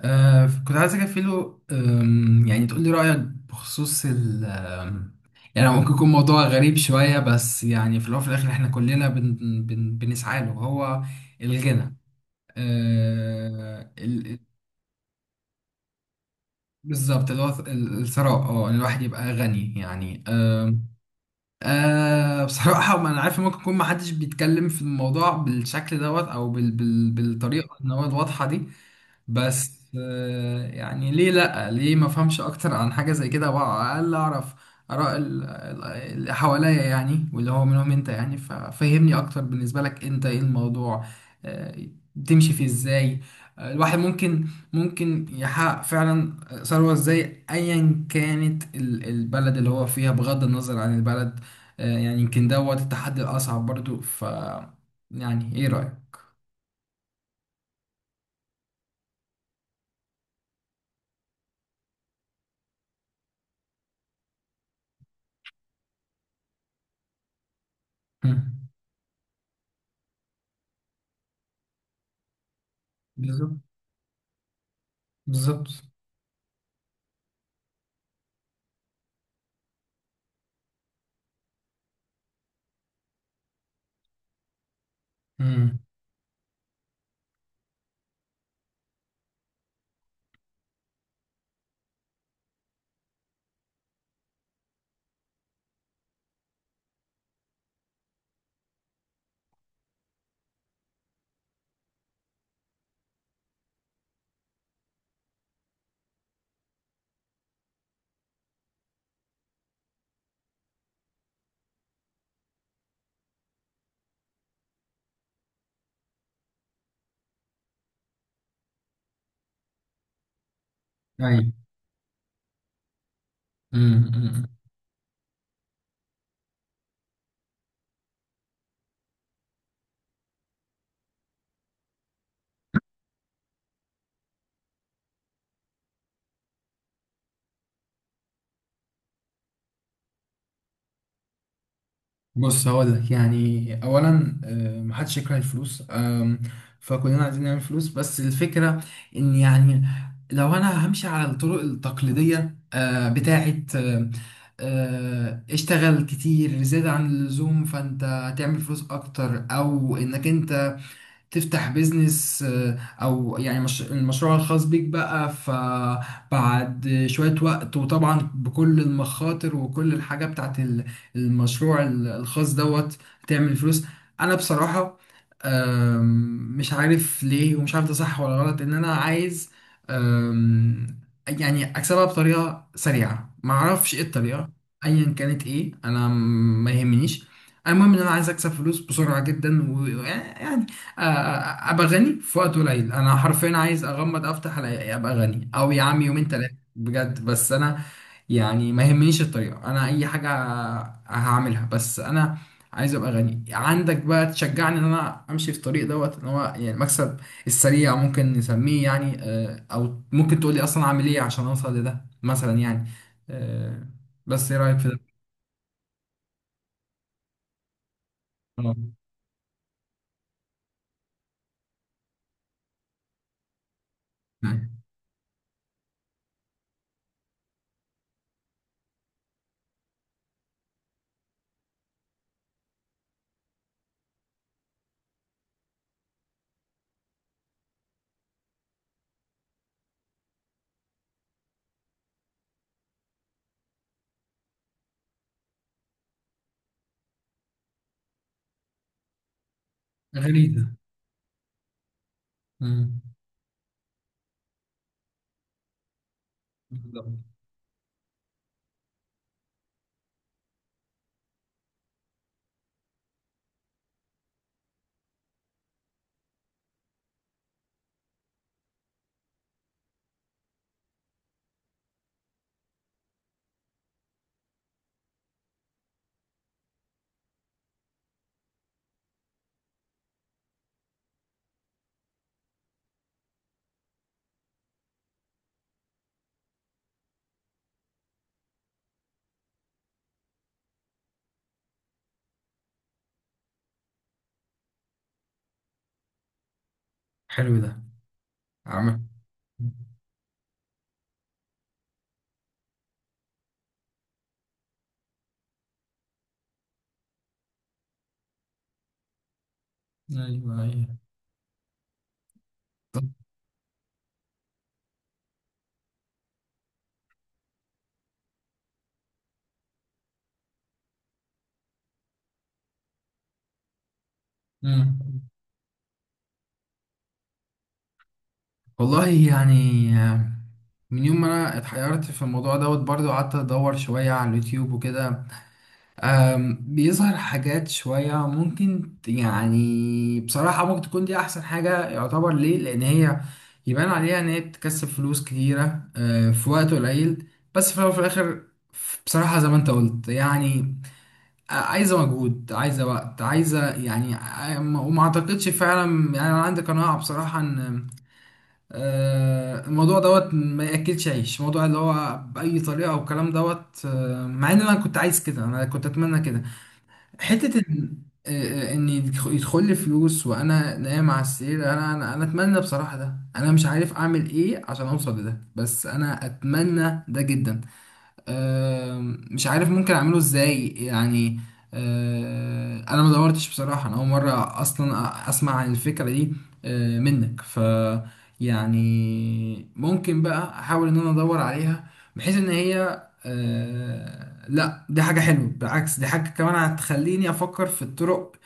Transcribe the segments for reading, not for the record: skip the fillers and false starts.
كنت عايز اكفيله يعني تقول لي رأيك بخصوص ال آم، يعني ممكن يكون موضوع غريب شوية، بس يعني في الأول وفي الآخر احنا كلنا بن بن بنسعى له، هو الغنى. آه ال ال- بالظبط، اللي هو الثراء، إن الواحد يبقى غني، يعني. آم، آه بصراحة ما أنا عارف، ممكن يكون محدش بيتكلم في الموضوع بالشكل دوت، أو بالطريقة إن هو الواضحة دي. بس يعني ليه لأ، ليه ما افهمش اكتر عن حاجة زي كده، وعلى الاقل اعرف اراء اللي حواليا، يعني، واللي هو منهم انت، يعني. ففهمني اكتر، بالنسبة لك انت ايه الموضوع آه، تمشي فيه ازاي؟ الواحد ممكن يحقق فعلا ثروة ازاي، ايا كانت البلد اللي هو فيها، بغض النظر عن البلد. يعني يمكن دوت التحدي الاصعب برضو. يعني ايه رأيك؟ مم. بالظبط، بالظبط. ايوه. أمم، أمم. بص هقول لك، يعني اولا محدش يكره الفلوس، فكلنا عايزين نعمل فلوس، بس الفكره ان يعني لو انا همشي على الطرق التقليديه، بتاعه اشتغل كتير زيادة عن اللزوم، فانت هتعمل فلوس اكتر، او انك انت تفتح بيزنس او يعني مش المشروع الخاص بيك بقى، فبعد شوية وقت، وطبعا بكل المخاطر وكل الحاجة بتاعت المشروع الخاص دوت، تعمل فلوس. انا بصراحة مش عارف ليه، ومش عارف ده صح ولا غلط، ان انا عايز آم، يعني اكسبها بطريقة سريعة، معرفش ايه الطريقة، ايا كانت ايه، انا ما يهمنيش. المهم ان انا عايز اكسب فلوس بسرعه جدا، ويعني ابقى غني في وقت قليل. انا حرفيا عايز اغمض افتح الاقي ابقى غني، او يا عم يومين ثلاثه بجد. بس انا يعني ما يهمنيش الطريقه، انا اي حاجه هعملها، بس انا عايز ابقى غني. عندك بقى تشجعني ان انا امشي في الطريق دوت، ان هو يعني المكسب السريع ممكن نسميه، يعني او ممكن تقولي اصلا اعمل ايه عشان اوصل لده، مثلا يعني. آه، بس ايه رايك في ده؟ آه، يعني غريزه. مم. بالظبط. حلو ده، عمل. ايوه، ايوه. مم. والله يعني آه، من يوم ما انا اتحيرت في الموضوع دوت، برضو قعدت ادور شوية على اليوتيوب وكده. بيظهر حاجات شوية ممكن يعني بصراحة ممكن تكون دي احسن حاجة يعتبر، ليه؟ لان هي يبان عليها ان هي بتكسب فلوس كتيرة، في وقت قليل. بس في الاول وفي الاخر، بصراحة زي ما انت قلت، يعني عايزة مجهود، عايزة وقت، عايزة يعني. وما اعتقدش فعلا يعني، انا عندي قناعة بصراحة ان الموضوع دوت ما ياكلش عيش، موضوع اللي هو باي طريقه، او الكلام دوت. مع ان انا كنت عايز كده، انا كنت اتمنى كده حته، ان ان يدخل لي فلوس وانا نايم على السرير، انا انا أنا اتمنى بصراحه ده، انا مش عارف اعمل ايه عشان اوصل لده، بس انا اتمنى ده جدا. مش عارف ممكن اعمله ازاي يعني. انا ما دورتش بصراحة، انا اول مرة اصلا اسمع عن الفكرة دي منك. ف يعني ممكن بقى احاول ان انا ادور عليها، بحيث ان هي لا دي حاجة حلوة، بالعكس دي حاجة كمان هتخليني افكر في الطرق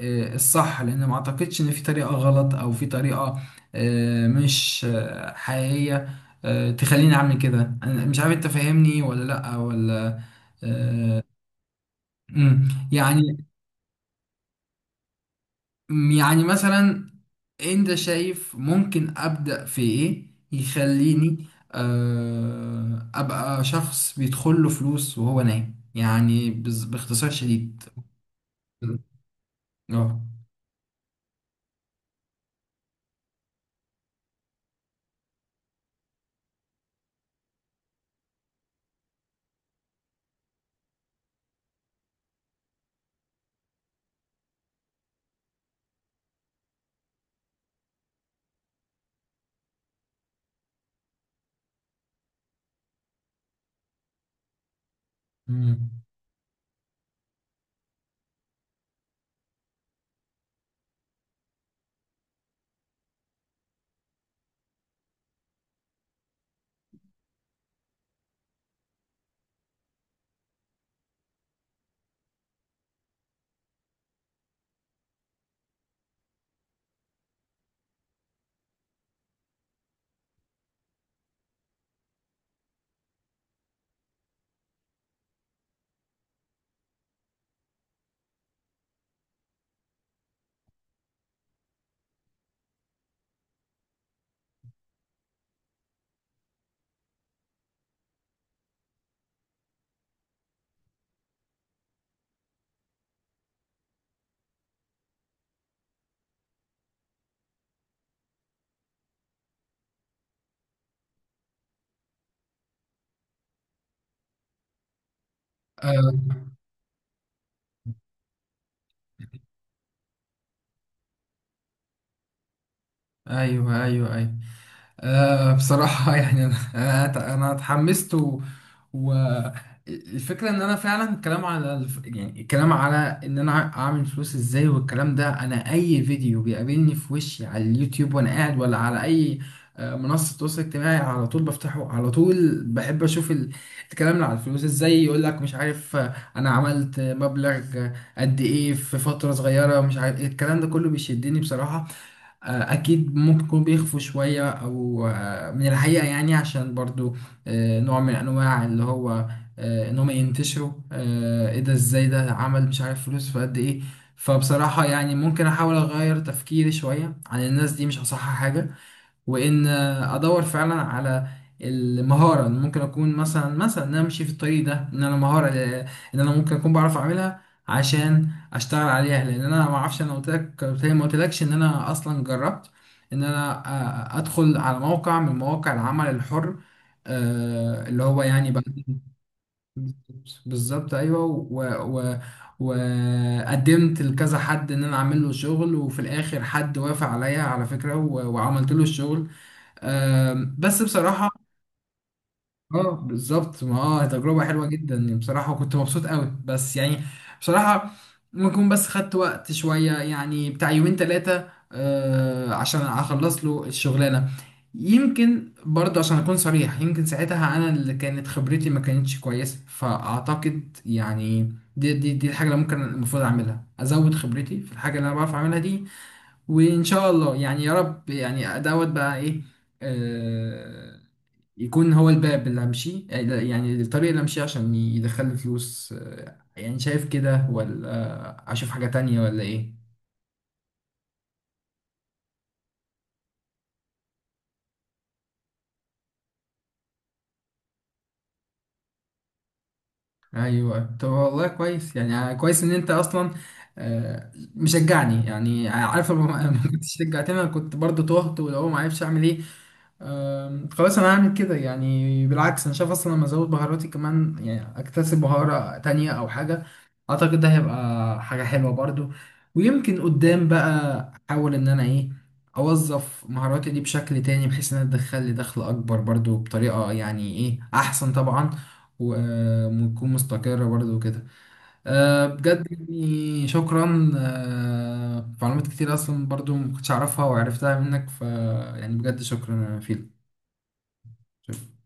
الصح، لان ما اعتقدش ان في طريقة غلط، او في طريقة آه، مش آه، حقيقية تخليني اعمل كده. انا مش عارف انت فاهمني ولا لا، ولا آه، مم، يعني. يعني مثلا، انت شايف ممكن ابدا في ايه يخليني ابقى شخص بيدخل له فلوس وهو نايم، يعني باختصار شديد. مم. اه. مم. آه، ايوه، ايوه، ايوه. آه بصراحة يعني أنا اتحمست، و... و الفكرة إن أنا فعلا الكلام على يعني الكلام على إن أنا أعمل فلوس إزاي، والكلام ده أنا أي فيديو بيقابلني في وشي على اليوتيوب وأنا قاعد، ولا على أي منصة تواصل اجتماعي، على طول بفتحه. على طول بحب أشوف الكلام اللي على الفلوس إزاي، يقول لك مش عارف أنا عملت مبلغ قد إيه في فترة صغيرة، مش عارف إيه. الكلام ده كله بيشدني بصراحة. اكيد ممكن يكونوا بيخفوا شويه او من الحقيقه، يعني عشان برضو نوع من انواع اللي هو ان هم ينتشروا. ايه ده، ازاي ده عمل مش عارف فلوس في قد ايه؟ فبصراحه يعني ممكن احاول اغير تفكيري شويه عن الناس دي، مش اصح حاجه، وان ادور فعلا على المهاره. إن ممكن اكون مثلا، مثلا ان انا امشي في الطريق ده، ان انا مهاره ان انا ممكن اكون بعرف اعملها عشان اشتغل عليها، لان انا ما اعرفش. انا قلت لك، قلت لي، ما قلتلكش ان انا اصلا جربت ان انا ادخل على موقع من مواقع العمل الحر اللي هو يعني بقى بالظبط، ايوه، و و وقدمت لكذا حد ان انا اعمل له شغل، وفي الاخر حد وافق عليا على فكره، وعملت له الشغل. بس بصراحة، اه بالظبط. ما اه تجربة حلوة جدا يعني بصراحة، وكنت مبسوط قوي، بس يعني بصراحة ممكن أكون بس خدت وقت شوية، يعني بتاع يومين تلاتة آه عشان اخلص له الشغلانة. يمكن برضه، عشان اكون صريح، يمكن ساعتها انا اللي كانت خبرتي ما كانتش كويسة، فاعتقد يعني دي الحاجة اللي ممكن المفروض اعملها، ازود خبرتي في الحاجة اللي انا بعرف اعملها دي، وان شاء الله يعني يا رب يعني دوت بقى، ايه آه، يكون هو الباب اللي همشيه، يعني الطريق اللي همشيه عشان يدخل فلوس. يعني شايف كده ولا اشوف حاجة تانية ولا ايه؟ ايوه. طب والله كويس، يعني كويس ان انت اصلا مشجعني، يعني عارف لو ما كنتش شجعتني انا كنت برضه تهت، ولو ما عرفش اعمل ايه. خلاص انا هعمل كده، يعني بالعكس انا شايف اصلا لما ازود بهاراتي كمان، يعني اكتسب بهارة تانية او حاجة، اعتقد ده هيبقى حاجة حلوة برضو. ويمكن قدام بقى احاول ان انا ايه، اوظف مهاراتي دي بشكل تاني بحيث انها تدخل لي دخل اكبر برضو، بطريقة يعني ايه احسن طبعا، و- وتكون مستقرة برضو وكده. أه، بجد يعني شكرا، أه، معلومات كتير اصلا برضو ما كنتش اعرفها وعرفتها منك، ف يعني بجد شكرا يا فيلو. شوف.